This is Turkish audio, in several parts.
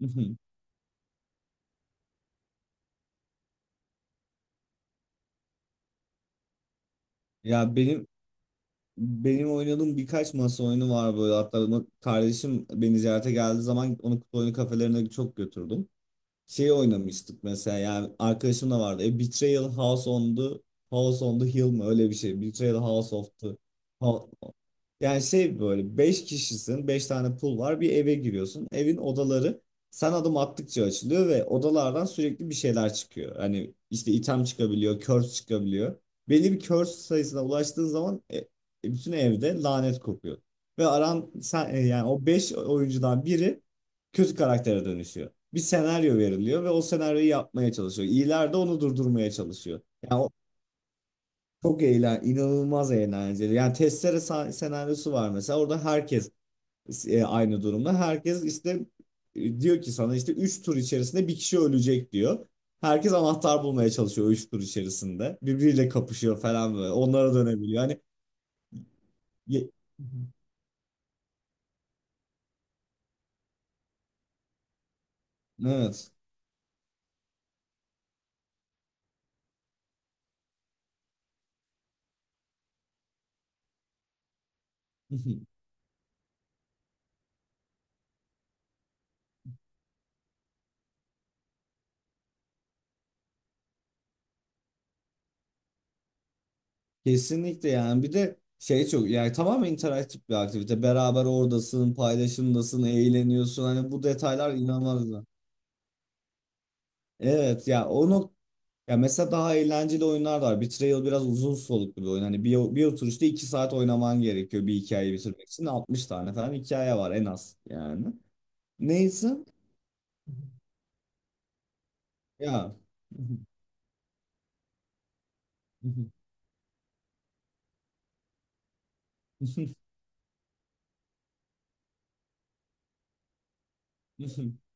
Hı hı. Ya benim benim oynadığım birkaç masa oyunu var böyle, hatta kardeşim beni ziyarete geldiği zaman onu kutu oyunu kafelerine çok götürdüm. Şey oynamıştık mesela, yani arkadaşım da vardı. Betrayal House on the Hill mı öyle bir şey. Betrayal House of the Ha- Yani şey böyle 5 kişisin, 5 tane pul var, bir eve giriyorsun. Evin odaları sen adım attıkça açılıyor ve odalardan sürekli bir şeyler çıkıyor. Hani işte item çıkabiliyor, curse çıkabiliyor. Belli bir curse sayısına ulaştığın zaman bütün evde lanet kopuyor. Ve sen, yani o 5 oyuncudan biri kötü karaktere dönüşüyor. Bir senaryo veriliyor ve o senaryoyu yapmaya çalışıyor. İyiler de onu durdurmaya çalışıyor. Yani o inanılmaz eğlenceli. Yani testere senaryosu var mesela. Orada herkes aynı durumda. Herkes işte diyor ki sana işte 3 tur içerisinde bir kişi ölecek diyor. Herkes anahtar bulmaya çalışıyor 3 tur içerisinde. Birbiriyle kapışıyor falan böyle. Onlara dönebiliyor. Hani ye- evet. Kesinlikle, yani bir de şey çok, yani tamamen interaktif bir aktivite. Beraber oradasın, paylaşımdasın, eğleniyorsun. Hani bu detaylar inanılmaz. Evet ya onu. Ya mesela daha eğlenceli oyunlar da var. Betrayal biraz uzun soluklu bir oyun. Hani bir oturuşta 2 saat oynaman gerekiyor bir hikayeyi bitirmek için. 60 tane falan hikaye var en az yani. Neyse ya.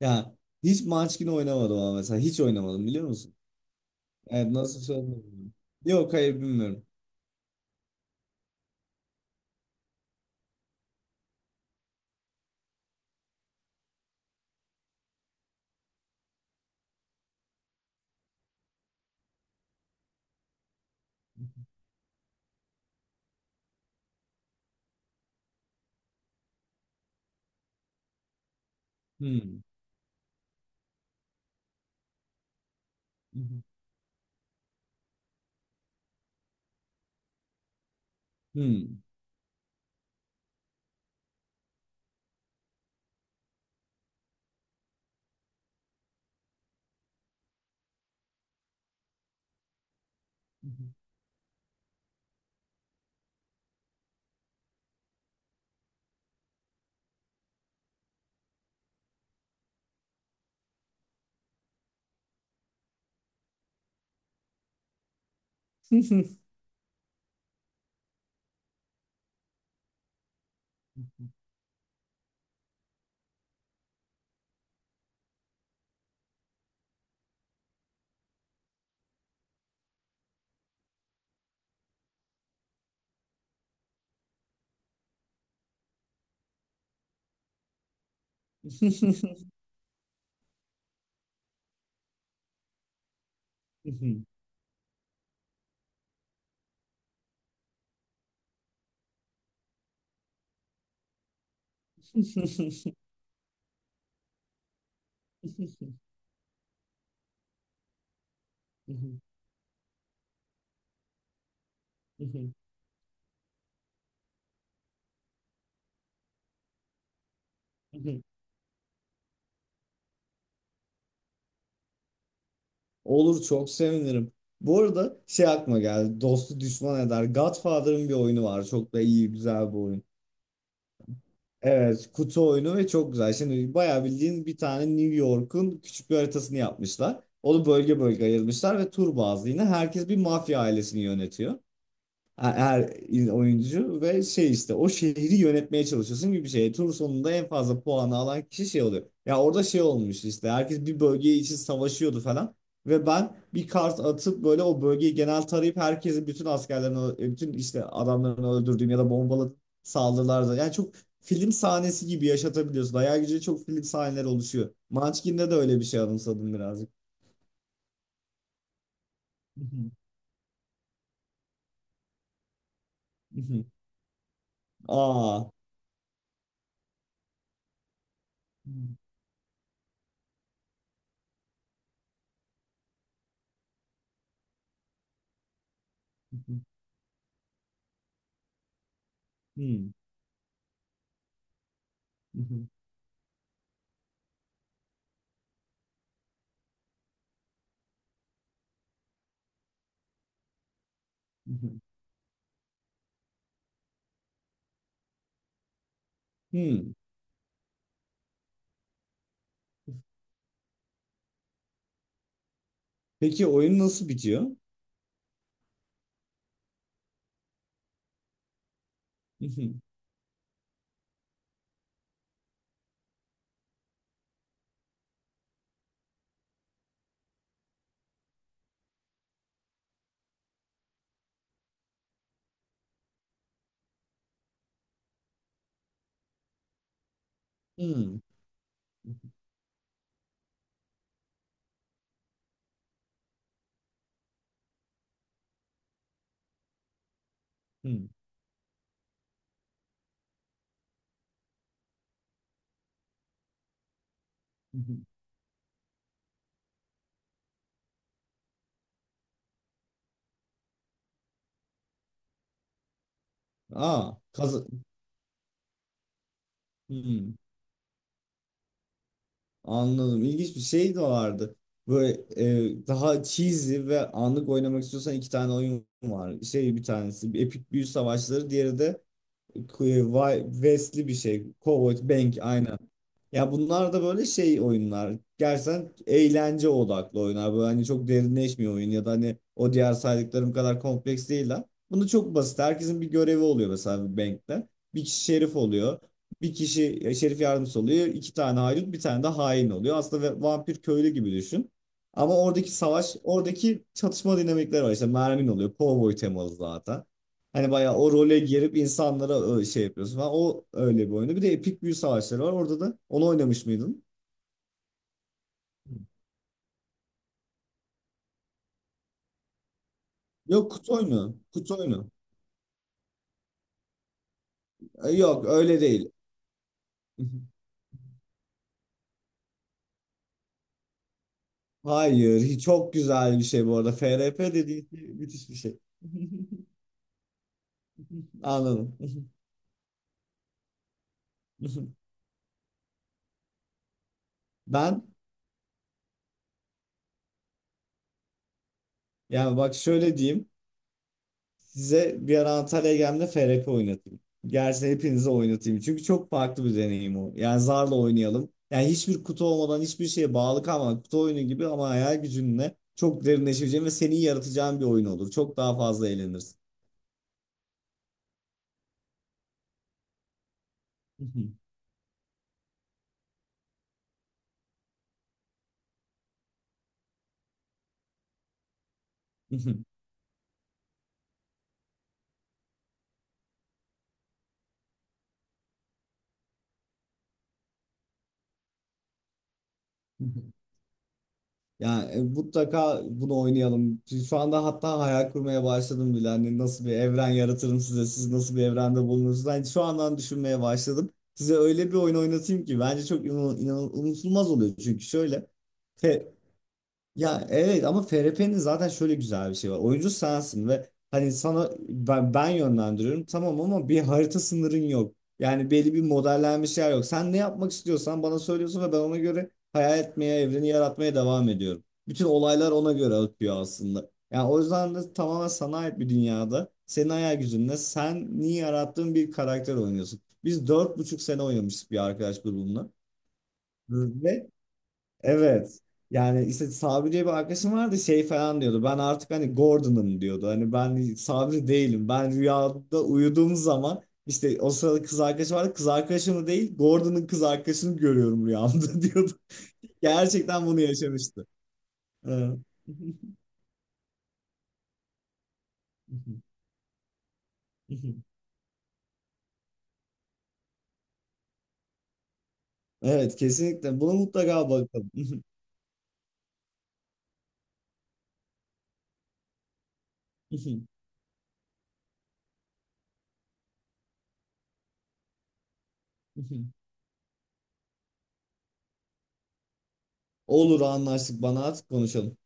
Ya hiç Munchkin oynamadım ama mesela. Hiç oynamadım biliyor musun? Evet, nasıl söyleyeyim? Yok, hayır, bilmiyorum. Hmm. Hmm. Olur, çok sevinirim. Bu arada şey aklıma geldi. Dostu düşman eder. Godfather'ın bir oyunu var. Çok da iyi, güzel bir oyun. Evet, kutu oyunu ve çok güzel. Şimdi bayağı bildiğin bir tane New York'un küçük bir haritasını yapmışlar. Onu bölge bölge ayırmışlar ve tur bazlı yine herkes bir mafya ailesini yönetiyor, her oyuncu, ve şey işte o şehri yönetmeye çalışıyorsun gibi bir şey. Tur sonunda en fazla puanı alan kişi şey oluyor. Ya orada şey olmuş, işte herkes bir bölge için savaşıyordu falan. Ve ben bir kart atıp böyle o bölgeyi genel tarayıp herkesin bütün askerlerini, bütün işte adamlarını öldürdüğüm ya da bombalı saldırılarda. Yani çok film sahnesi gibi yaşatabiliyorsun. Hayal gücüyle çok film sahneleri oluşuyor. Munchkin'de de öyle bir şey anımsadım birazcık. Aa. Hmm. Hmm. Hmm. Peki oyun nasıl bitiyor? Hmm. Hmm. Hmm. Hı hı. Aa, kazı Hmm. Anladım. İlginç bir şey de vardı. Böyle, daha cheesy ve anlık oynamak istiyorsan iki tane oyun var. Şey, bir tanesi Epic Büyü Savaşları, diğeri de West'li bir şey. Cowboy Bank, aynen. Ya bunlar da böyle şey oyunlar. Gerçekten eğlence odaklı oyunlar. Böyle hani çok derinleşmiyor oyun ya da hani o diğer saydıklarım kadar kompleks değiller. Bunu çok basit. Herkesin bir görevi oluyor, mesela bir bankte. Bir kişi şerif oluyor. Bir kişi şerif yardımcısı oluyor. İki tane haydut, bir tane de hain oluyor. Aslında vampir köylü gibi düşün. Ama oradaki savaş, oradaki çatışma dinamikleri var. İşte mermin oluyor. Cowboy temalı zaten. Hani bayağı o role girip insanlara şey yapıyorsun falan. O öyle bir oyunu. Bir de Epik Büyü Savaşları var. Orada da onu oynamış mıydın? Yok, kutu oyunu. Kutu oyunu. Yok, öyle değil. Hayır. Çok güzel bir şey bu arada. FRP dediğin şey müthiş bir şey. Anladım. Ben Yani bak şöyle diyeyim. Size bir ara Antalya'ya geldiğimde FRP oynatayım. Gerçi hepinize oynatayım. Çünkü çok farklı bir deneyim o. Yani zarla oynayalım. Yani hiçbir kutu olmadan, hiçbir şeye bağlı kalmadan, kutu oyunu gibi ama hayal gücünle çok derinleşeceğin ve senin yaratacağın bir oyun olur. Çok daha fazla eğlenirsin. Yani, mutlaka bunu oynayalım. Şu anda hatta hayal kurmaya başladım bile. Hani nasıl bir evren yaratırım size, siz nasıl bir evrende bulunursunuz. Hani şu andan düşünmeye başladım. Size öyle bir oyun oynatayım ki bence çok unutulmaz oluyor. Çünkü şöyle, ya evet ama FRP'nin zaten şöyle güzel bir şey var. Oyuncu sensin ve hani sana ben yönlendiriyorum tamam ama bir harita sınırın yok. Yani belli bir modellenmiş yer yok. Sen ne yapmak istiyorsan bana söylüyorsun ve ben ona göre hayal etmeye, evreni yaratmaya devam ediyorum. Bütün olaylar ona göre akıyor aslında. Yani o yüzden de tamamen sana ait bir dünyada senin hayal gücünle sen niye yarattığın bir karakter oynuyorsun. Biz 4,5 sene oynamıştık bir arkadaş grubumla. Ve Evet. Yani işte Sabri diye bir arkadaşım vardı, şey falan diyordu. Ben artık hani Gordon'ım, diyordu. Hani ben Sabri değilim. Ben rüyada uyuduğum zaman işte o sırada kız arkadaşım vardı. Kız arkadaşımı değil, Gordon'ın kız arkadaşını görüyorum rüyamda, diyordu. Gerçekten bunu yaşamıştı. Evet. Evet, kesinlikle. Buna mutlaka bakalım. Olur, anlaştık. Bana artık konuşalım.